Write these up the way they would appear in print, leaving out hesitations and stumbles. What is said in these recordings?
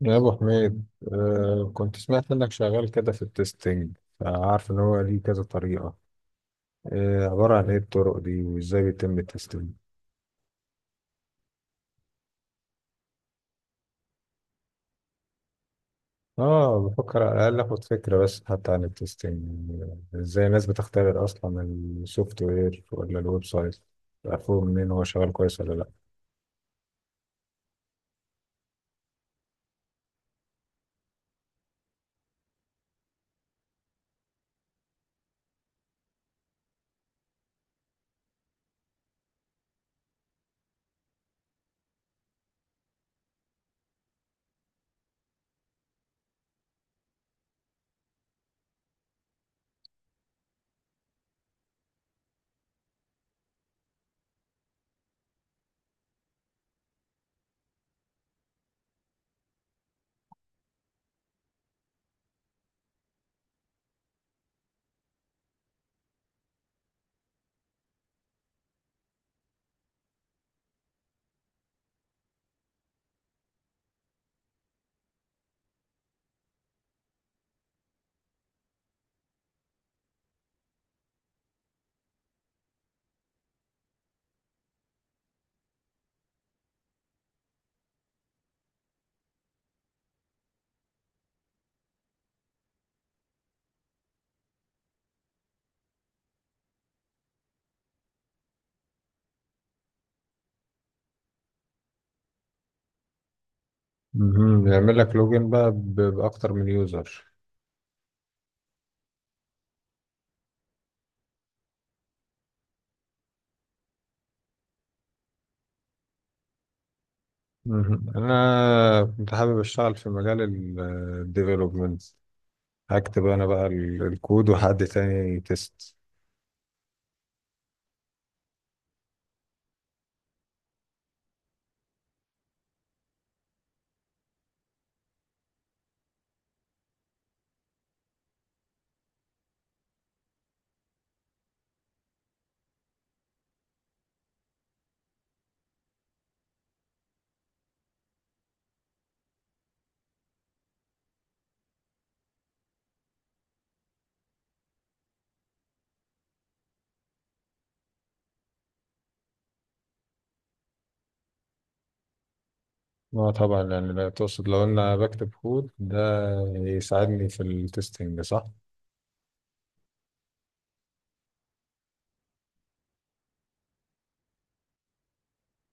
يا ابو حميد. كنت سمعت انك شغال كده في التستنج، فعارف ان هو ليه كذا طريقه. عباره عن ايه الطرق دي وازاي بيتم التستنج؟ اه بفكر على الاقل اخد فكره بس حتى عن التستنج. ازاي الناس بتختبر اصلا السوفت وير ولا الويب سايت، عارفه منين هو شغال كويس ولا لا. مهم. بيعمل لك لوجن بقى باكتر من يوزر. مهم. انا كنت حابب اشتغل في مجال الديفلوبمنت، هكتب انا بقى الكود وحد تاني تيست. اه طبعا، يعني لا تقصد لو انا بكتب كود ده يساعدني في التستنج، صح؟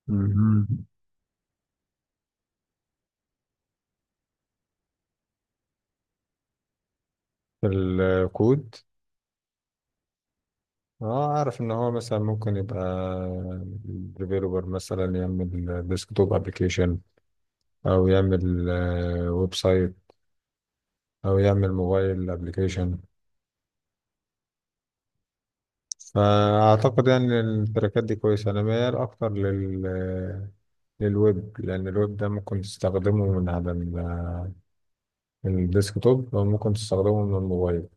مهم. في الكود؟ اه، اعرف ان هو مثلا ممكن يبقى ديفيلوبر مثلا يعمل ديسكتوب ابلكيشن، او يعمل ويب سايت، او يعمل موبايل ابلكيشن. فأعتقد يعني التراكات دي كويسة. أنا ميال أكتر للويب، لأن الويب ده ممكن تستخدمه من على الديسكتوب أو ممكن تستخدمه من الموبايل،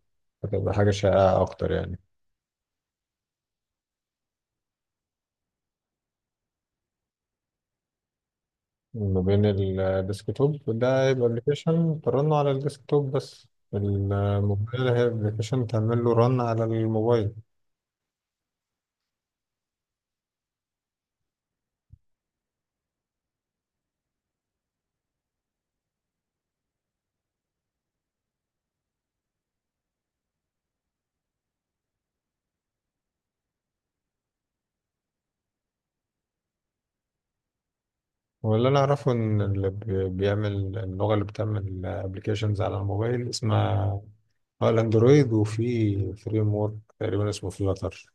فتبقى حاجة شائعة أكتر يعني. ما بين الديسكتوب ده يبقى أبلكيشن ترن على الديسكتوب بس، الموبايل هي أبلكيشن تعمل له رن على الموبايل. واللي أنا أعرفه إن اللي بيعمل اللغة اللي بتعمل أبلكيشنز على الموبايل اسمها اه الاندرويد، وفي فريم ورك تقريبا اسمه فلاتر.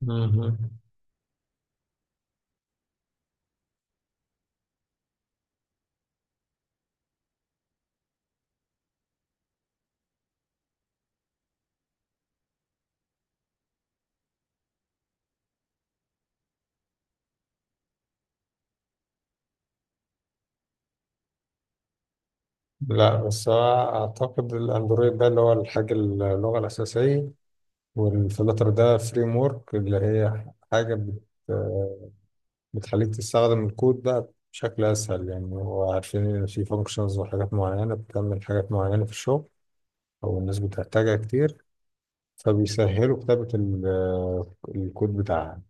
مهم. لا بس هو اعتقد الاندرويد ده اللي هو الحاجه اللغه الاساسيه، والفلاتر ده فريم ورك اللي هي حاجه بتخليك تستخدم الكود بقى بشكل اسهل. يعني هو عارفين ان في فانكشنز وحاجات معينه بتعمل حاجات معينه في الشغل او الناس بتحتاجها كتير، فبيسهلوا كتابه الكود بتاعها.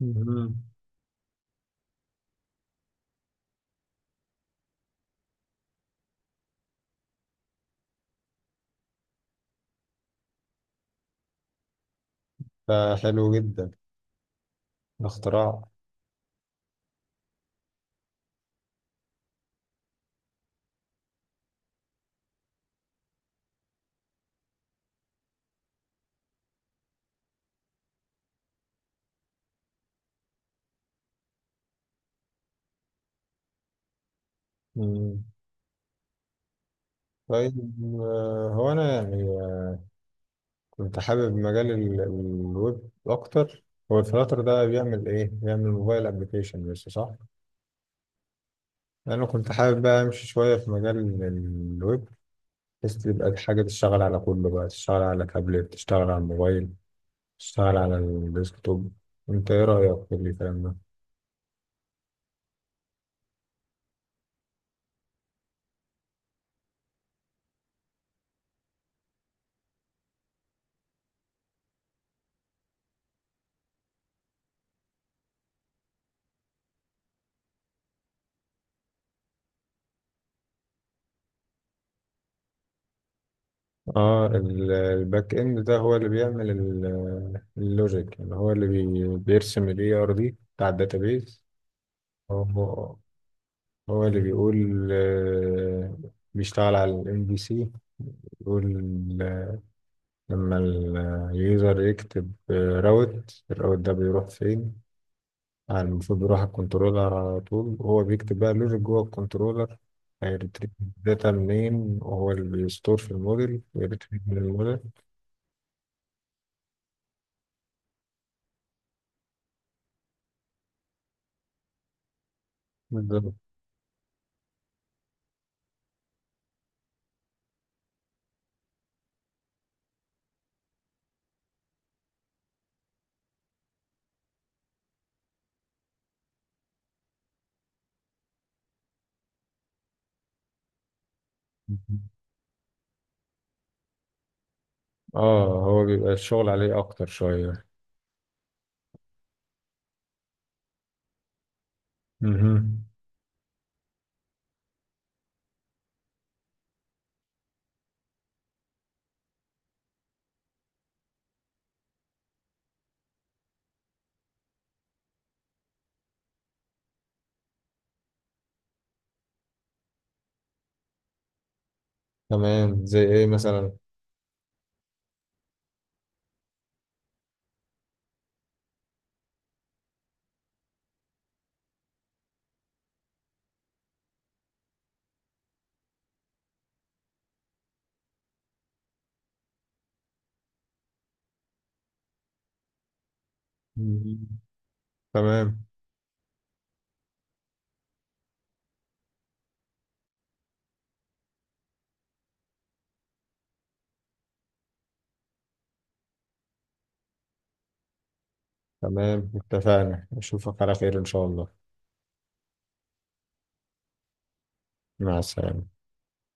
مهم. فحلو جدا الاختراع. مم. طيب. هو أنا يعني كنت حابب مجال الويب أكتر. هو الفلاتر ده بيعمل إيه؟ بيعمل موبايل أبليكيشن بس، صح؟ أنا كنت حابب بقى أمشي شوية في مجال الويب، بحيث تبقى حاجة تشتغل على كله، بقى تشتغل على تابلت، تشتغل على الموبايل، تشتغل على الديسكتوب. أنت إيه رأيك في الكلام ده؟ اه الباك اند ده هو اللي بيعمل اللوجيك. يعني هو اللي بيرسم الاي ار دي بتاع الداتابيز. هو اللي بيقول بيشتغل على الام بي سي، بيقول آه، لما اليوزر يكتب راوت، الراوت ده بيروح فين. يعني المفروض بيروح على الكنترولر على طول، وهو بيكتب بقى لوجيك جوه الكنترولر، هيرتريف الداتا منين، وهو اللي بيستور في الموديل ويرتريف من الموديل. بالظبط. اه هو بيبقى الشغل عليه اكتر شوية. مهم. تمام، زي ايه مثلا؟ مهم. تمام. تمام اتفقنا، اشوفك على خير ان شاء الله. مع السلامة.